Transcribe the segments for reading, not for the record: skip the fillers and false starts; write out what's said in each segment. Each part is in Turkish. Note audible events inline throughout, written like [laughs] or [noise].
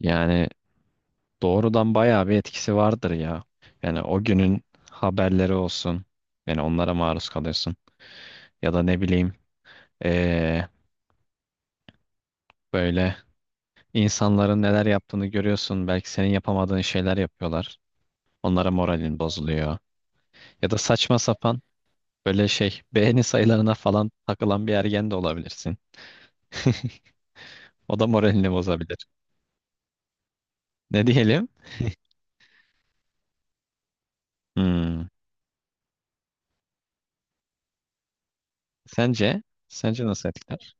Yani doğrudan bayağı bir etkisi vardır ya. Yani o günün haberleri olsun. Yani onlara maruz kalıyorsun. Ya da ne bileyim eee, böyle insanların neler yaptığını görüyorsun. Belki senin yapamadığın şeyler yapıyorlar. Onlara moralin bozuluyor. Ya da saçma sapan böyle şey [laughs] beğeni sayılarına falan takılan bir ergen de olabilirsin. [laughs] O da moralini bozabilir. Ne diyelim? Hmm. Sence? Sence nasıl etkiler?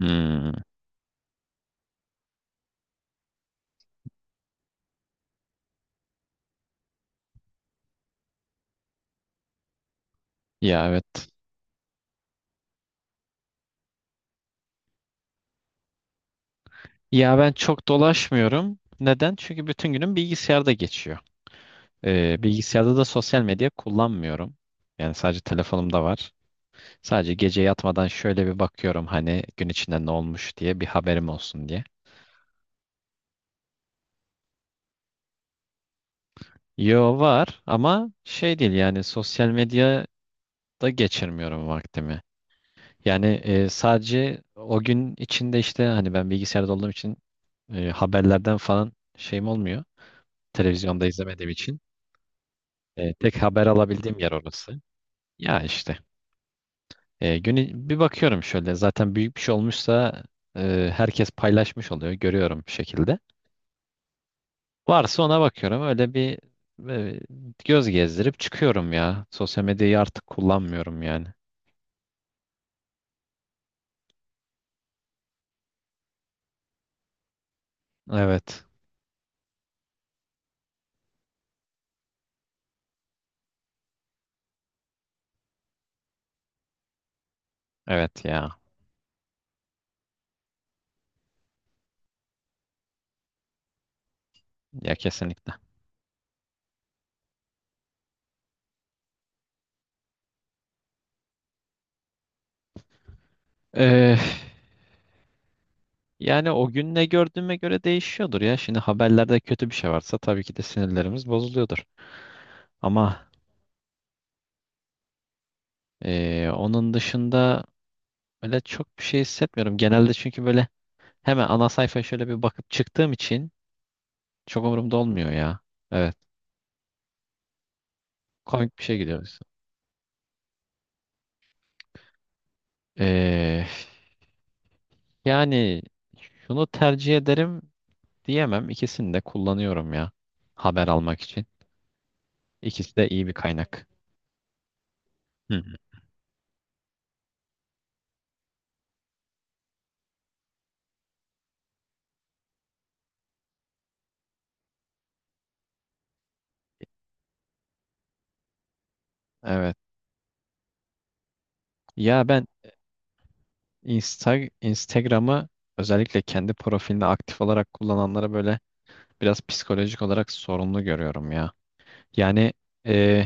Hmm. Ya evet. Ya ben çok dolaşmıyorum. Neden? Çünkü bütün günüm bilgisayarda geçiyor. Bilgisayarda da sosyal medya kullanmıyorum. Yani sadece telefonumda var. Sadece gece yatmadan şöyle bir bakıyorum, hani gün içinde ne olmuş diye bir haberim olsun diye. Yo var, ama şey değil, yani sosyal medyada geçirmiyorum vaktimi. Yani sadece o gün içinde işte hani ben bilgisayarda olduğum için haberlerden falan şeyim olmuyor. Televizyonda izlemediğim için. E, tek haber alabildiğim yer orası. Ya işte günü bir bakıyorum şöyle, zaten büyük bir şey olmuşsa herkes paylaşmış oluyor, görüyorum bir şekilde. Varsa ona bakıyorum, öyle bir e, göz gezdirip çıkıyorum ya. Sosyal medyayı artık kullanmıyorum yani. Evet. Evet ya. Ya kesinlikle. E, yani o gün ne gördüğüme göre değişiyordur ya. Şimdi haberlerde kötü bir şey varsa tabii ki de sinirlerimiz bozuluyordur. Ama onun dışında öyle çok bir şey hissetmiyorum. Genelde, çünkü böyle hemen ana sayfaya şöyle bir bakıp çıktığım için çok umurumda olmuyor ya. Evet. Komik bir şey gidiyoruz. Ee, Yani şunu tercih ederim diyemem. İkisini de kullanıyorum ya. Haber almak için. İkisi de iyi bir kaynak. Hı hı. Evet. Ya ben Instagram'ı özellikle kendi profilinde aktif olarak kullananlara böyle biraz psikolojik olarak sorunlu görüyorum ya. Yani e,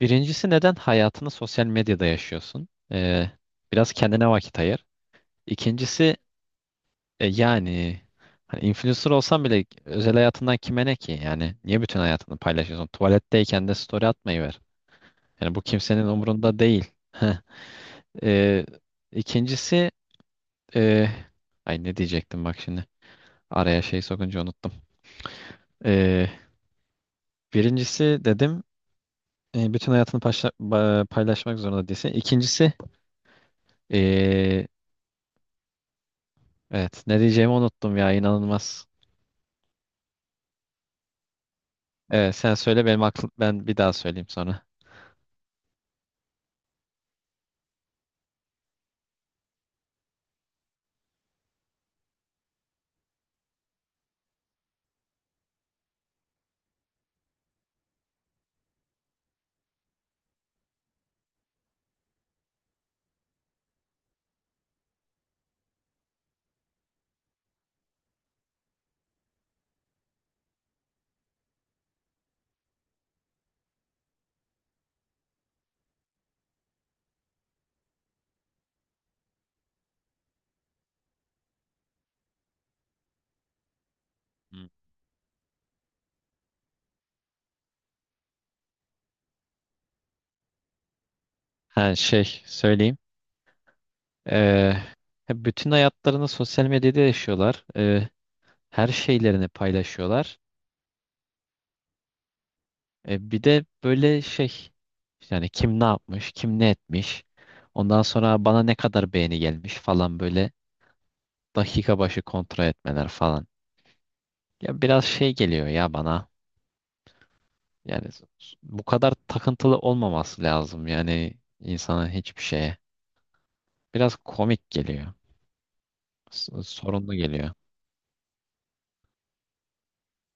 birincisi, neden hayatını sosyal medyada yaşıyorsun? Biraz kendine vakit ayır. İkincisi, yani hani influencer olsan bile özel hayatından kime ne ki? Yani niye bütün hayatını paylaşıyorsun? Tuvaletteyken de story atmayı ver. Yani bu kimsenin umurunda değil. [laughs] Heh. Ee, ikincisi e, ay ne diyecektim bak şimdi. Araya şey sokunca unuttum. Ee, Birincisi dedim, bütün hayatını paylaşmak zorunda değilsin. İkincisi e, evet. Ne diyeceğimi unuttum ya. İnanılmaz. Evet, sen söyle, benim aklım, ben bir daha söyleyeyim sonra. Hı. Ha, şey söyleyeyim. Ee, Bütün hayatlarını sosyal medyada yaşıyorlar. Her şeylerini paylaşıyorlar. Bir de böyle şey, yani kim ne yapmış, kim ne etmiş. Ondan sonra bana ne kadar beğeni gelmiş falan, böyle dakika başı kontrol etmeler falan. Ya biraz şey geliyor ya bana. Yani bu kadar takıntılı olmaması lazım yani insana, hiçbir şeye. Biraz komik geliyor. Sorunlu geliyor.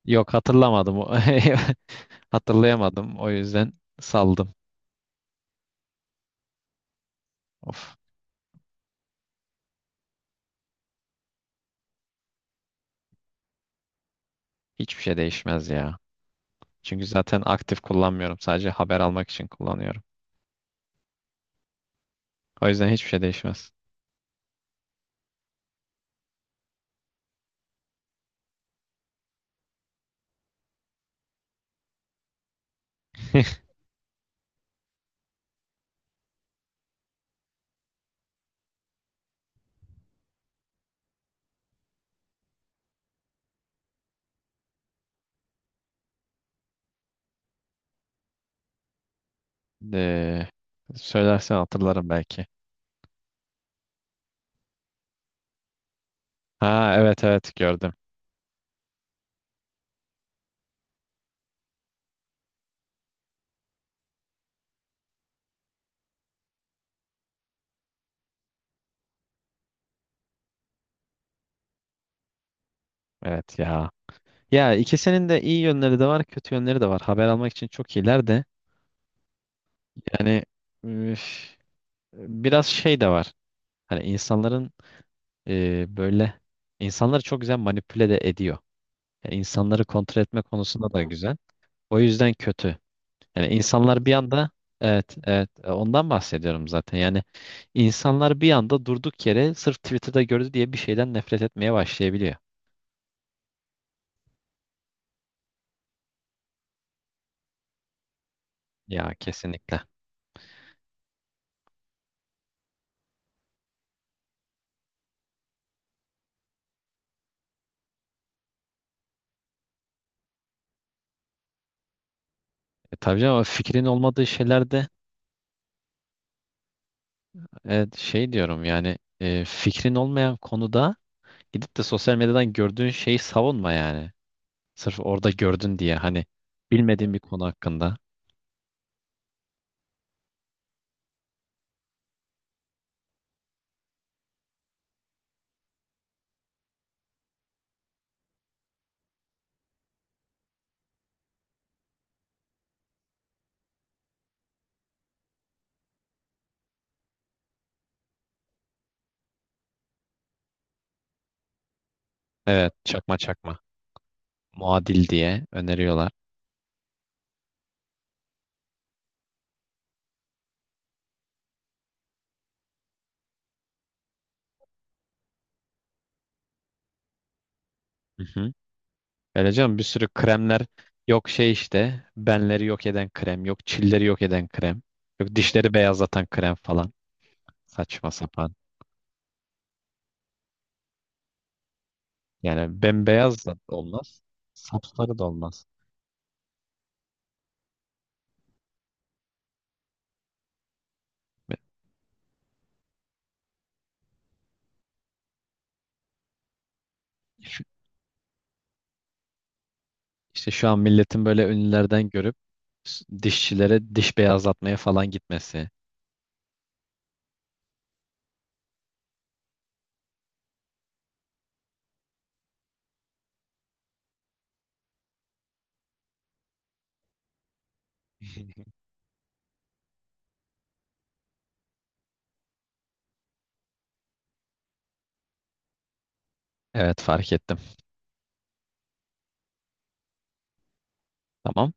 Yok, hatırlamadım. [laughs] Hatırlayamadım. O yüzden saldım. Of. Hiçbir şey değişmez ya. Çünkü zaten aktif kullanmıyorum. Sadece haber almak için kullanıyorum. O yüzden hiçbir şey değişmez. [laughs] De, söylersen hatırlarım belki. Ha, evet evet, gördüm. Evet ya. Ya ikisinin de iyi yönleri de var, kötü yönleri de var. Haber almak için çok iyiler de. Yani üf, biraz şey de var. Hani insanların böyle insanları çok güzel manipüle de ediyor. Yani insanları kontrol etme konusunda da güzel. O yüzden kötü. Yani insanlar bir anda evet evet, ondan bahsediyorum zaten. Yani insanlar bir anda durduk yere sırf Twitter'da gördü diye bir şeyden nefret etmeye başlayabiliyor. Ya kesinlikle. E, tabii canım, ama fikrin olmadığı şeylerde evet, şey diyorum, yani fikrin olmayan konuda gidip de sosyal medyadan gördüğün şeyi savunma yani. Sırf orada gördün diye, hani bilmediğin bir konu hakkında. Evet, çakma çakma. Muadil diye öneriyorlar. Hı hı. Öyle canım, bir sürü kremler, yok şey işte benleri yok eden krem, yok çilleri yok eden krem, yok dişleri beyazlatan krem falan, saçma sapan. Yani bembeyaz da olmaz, sapsarı da olmaz. İşte şu an milletin böyle ünlülerden görüp dişçilere diş beyazlatmaya falan gitmesi. [laughs] Evet, fark ettim. Tamam.